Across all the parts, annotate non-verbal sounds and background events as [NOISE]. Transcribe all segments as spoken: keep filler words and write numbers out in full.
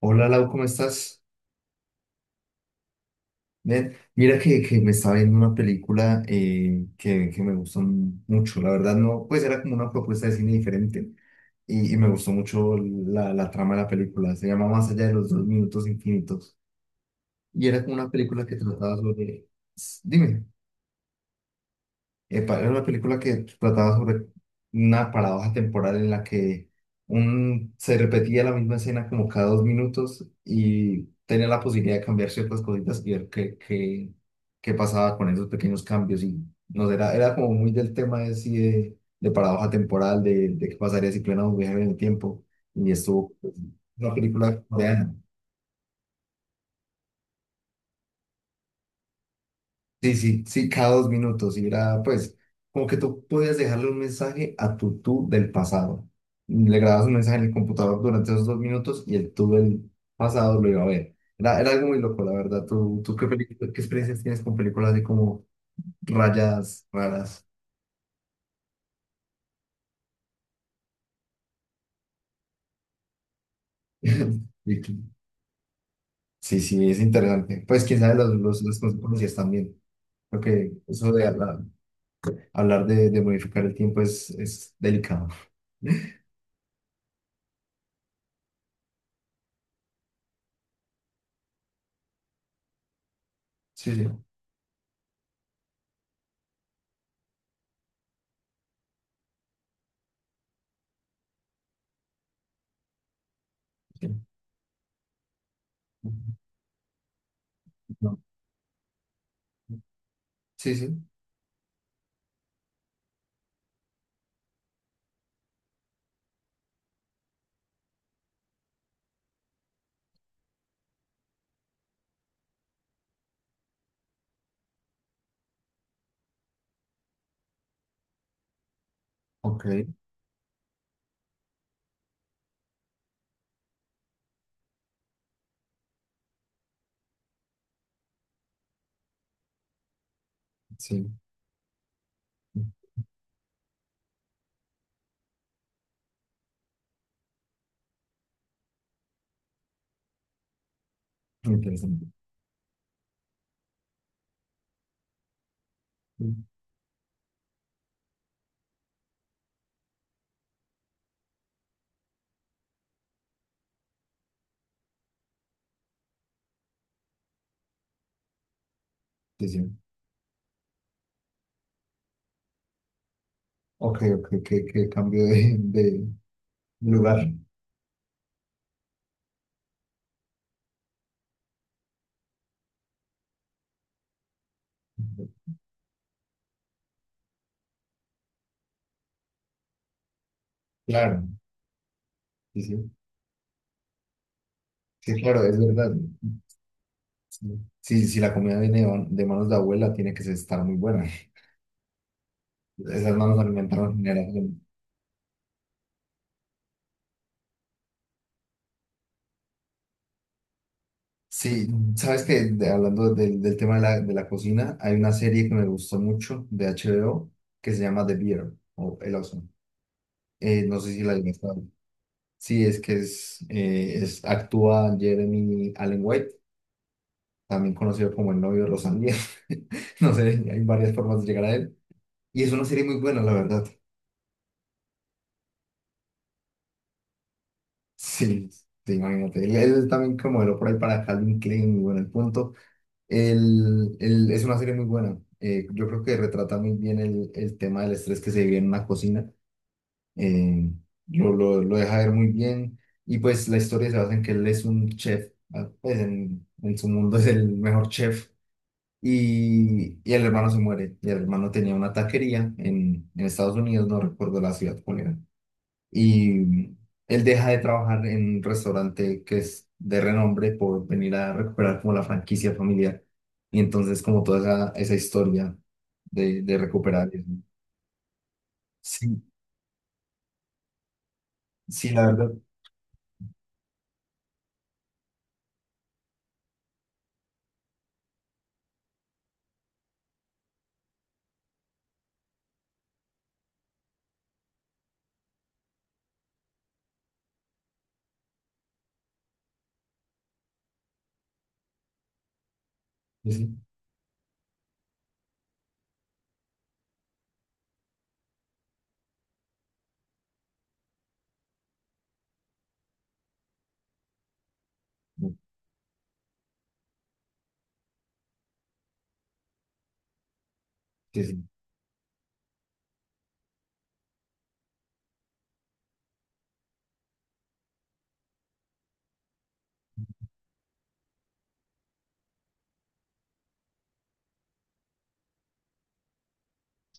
Hola Lau, ¿cómo estás? Bien, mira que, que me estaba viendo una película eh, que, que me gustó mucho, la verdad. No, pues era como una propuesta de cine diferente y, y me gustó mucho la, la trama de la película, se llama Más allá de los dos minutos infinitos y era como una película que trataba sobre... Dime. Epa, era una película que trataba sobre una paradoja temporal en la que un, se repetía la misma escena como cada dos minutos y tenía la posibilidad de cambiar ciertas cositas y ver qué, qué, qué pasaba con esos pequeños cambios. Y nos era, era como muy del tema de, sí, de, de paradoja temporal, de, de qué pasaría si plena un viaje en el tiempo. Y estuvo pues, una película, vean. Sí, sí, sí, cada dos minutos. Y era, pues, como que tú podías dejarle un mensaje a tu tú del pasado. Le grababas un mensaje en el computador durante esos dos minutos y el tú del pasado lo iba a ver. Era, era algo muy loco, la verdad. ¿Tú, tú qué, película- qué experiencias tienes con películas así como rayas raras? [LAUGHS] ¿Vicky? Sí, sí, es interesante. Pues, quién sabe los, los, las consecuencias también. Creo que eso de hablar, hablar de, de modificar el tiempo es, es delicado. [LAUGHS] Sí, sí. Sí. [LAUGHS] No. Sí, sí. Ok, sí. Muy interesante. Sí, sí. Ok, ok, qué, qué cambio de, de lugar. Claro, sí, sí. Sí, claro, es verdad. Sí, sí, si la comida viene de de manos de abuela, tiene que estar muy buena. Esas manos alimentaron generaciones. Sí, sabes que hablando del del tema de la, de la cocina, hay una serie que me gustó mucho de H B O que se llama The Bear o El Oso. Eh, no sé si la viste. Sí, es que es, eh, es actúa Jeremy Allen White, también conocido como el novio de Rosalía. [LAUGHS] No sé, hay varias formas de llegar a él. Y es una serie muy buena, la verdad. Sí, sí, imagínate. Él, él es también como el lo por ahí para Calvin Klein, bueno, el punto. Él, él- es una serie muy buena. Eh, yo creo que retrata muy bien el, el tema del estrés que se vive en una cocina. Eh, lo, lo, lo deja ver muy bien. Y pues la historia se basa en que él es un chef. ah, Pues en, en su mundo es el mejor chef. Y, y el hermano se muere. Y el hermano tenía una taquería en, en Estados Unidos, no recuerdo la ciudad cuál era. Y él deja de trabajar en un restaurante que es de renombre por venir a recuperar como la franquicia familiar. Y entonces como toda esa, esa historia de, de recuperar eso. Sí, sí, la verdad. Sí, sí, sí, sí.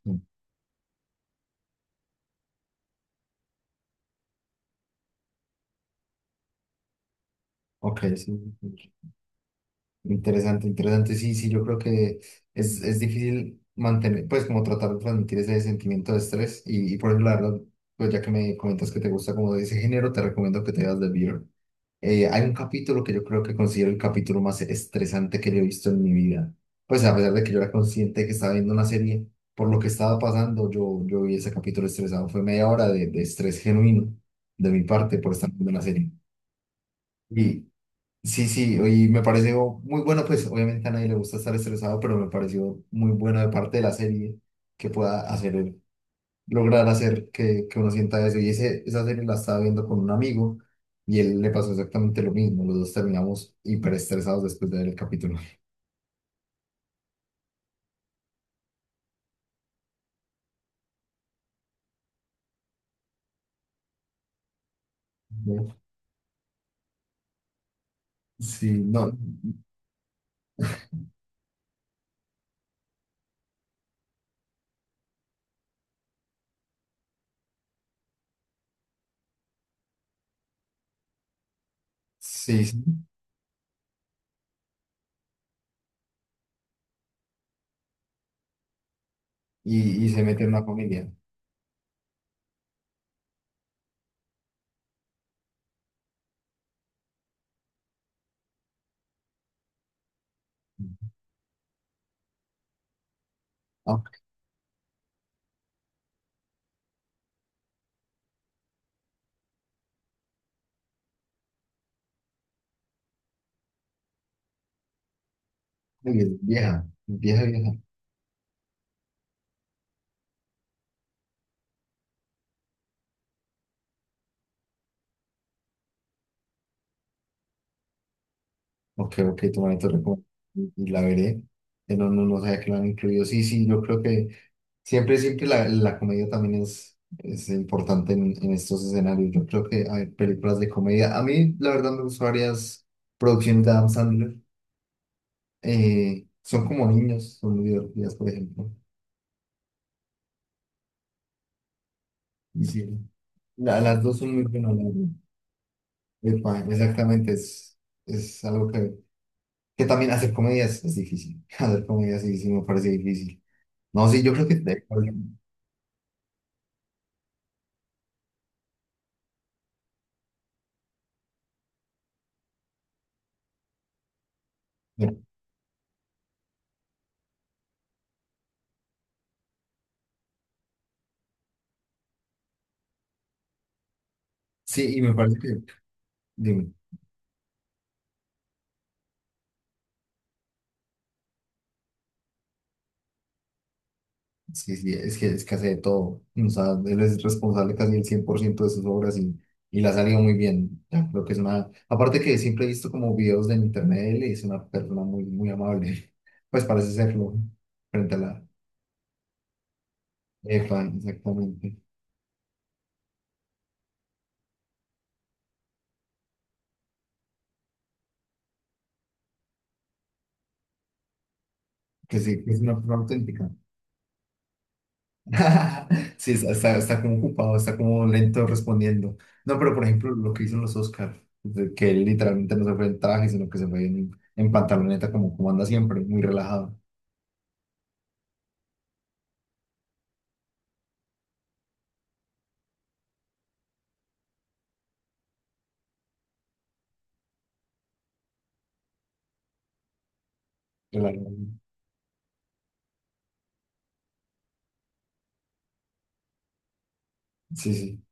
Sí. Ok, sí. Sí. Interesante, interesante. Sí, sí, yo creo que es, es difícil mantener, pues como tratar de transmitir ese sentimiento de estrés y, y por ejemplo, la verdad, pues ya que me comentas que te gusta como de ese género, te recomiendo que te veas The Bear. Eh, hay un capítulo que yo creo que considero el capítulo más estresante que yo he visto en mi vida. Pues a pesar de que yo era consciente de que estaba viendo una serie, por lo que estaba pasando, yo, yo vi ese capítulo estresado. Fue media hora de, de estrés genuino de mi parte por estar viendo una serie. Y, Sí, sí, y me pareció muy bueno, pues obviamente a nadie le gusta estar estresado, pero me pareció muy bueno de parte de la serie que pueda hacer, lograr hacer que, que uno sienta eso. Y ese, esa serie la estaba viendo con un amigo y él le pasó exactamente lo mismo. Los dos terminamos hiperestresados después de ver el capítulo. ¿No? Sí, no, sí, sí, y, y se mete en una familia. Ah, muy bien, vieja, vieja, vieja. Ok, ok, tu manito recomienda y la veré. Eh, No, no, no sabía que la han incluido. Sí, sí, yo creo que. Siempre, siempre la, la comedia también es, es importante en, en estos escenarios. Yo creo que hay películas de comedia. A mí, la verdad, me gustan varias producciones de Adam Sandler. Eh, son como niños, son muy divertidas, por ejemplo. Y sí, la- las dos son muy buenas, la verdad. Epa, exactamente, es, es algo que, que también hacer comedia es, es difícil. [LAUGHS] Hacer comedia sí, sí me parece difícil. No, sí, yo creo que... de- Sí, y me parece que... dime. Sí, sí, es que, es que hace de todo. O sea, él es responsable casi el cien por ciento de sus obras y, y la ha salido muy bien. Ya, creo que es una... Aparte que siempre he visto como videos de internet de él y es una persona muy, muy amable. [LAUGHS] Pues parece serlo frente a la EFA, exactamente. Que sí, que es una persona auténtica. [LAUGHS] Sí, está, está, está como ocupado, está como lento respondiendo. No, pero por ejemplo, lo que hizo en los Oscars, que él literalmente no se fue en traje, sino que se fue en, en pantaloneta como, como anda siempre, muy relajado. Relajado. Sí, sí,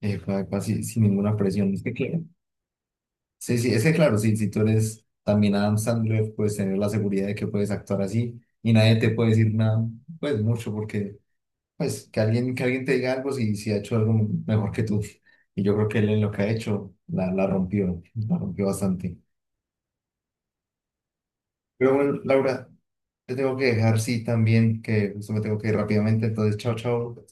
eh, pa- pa- sí, sin ninguna presión. Es que claro. Sí, sí, es que claro, sí, si tú eres también Adam Sandler, puedes tener la seguridad de que puedes actuar así y nadie te puede decir nada, pues mucho, porque pues que alguien, que alguien te diga algo si, si ha hecho algo mejor que tú. Y yo creo que él en lo que ha hecho la, la rompió, la rompió bastante. Pero bueno, Laura, te tengo que dejar, sí, también, que justo me tengo que ir rápidamente, entonces, chao, chao.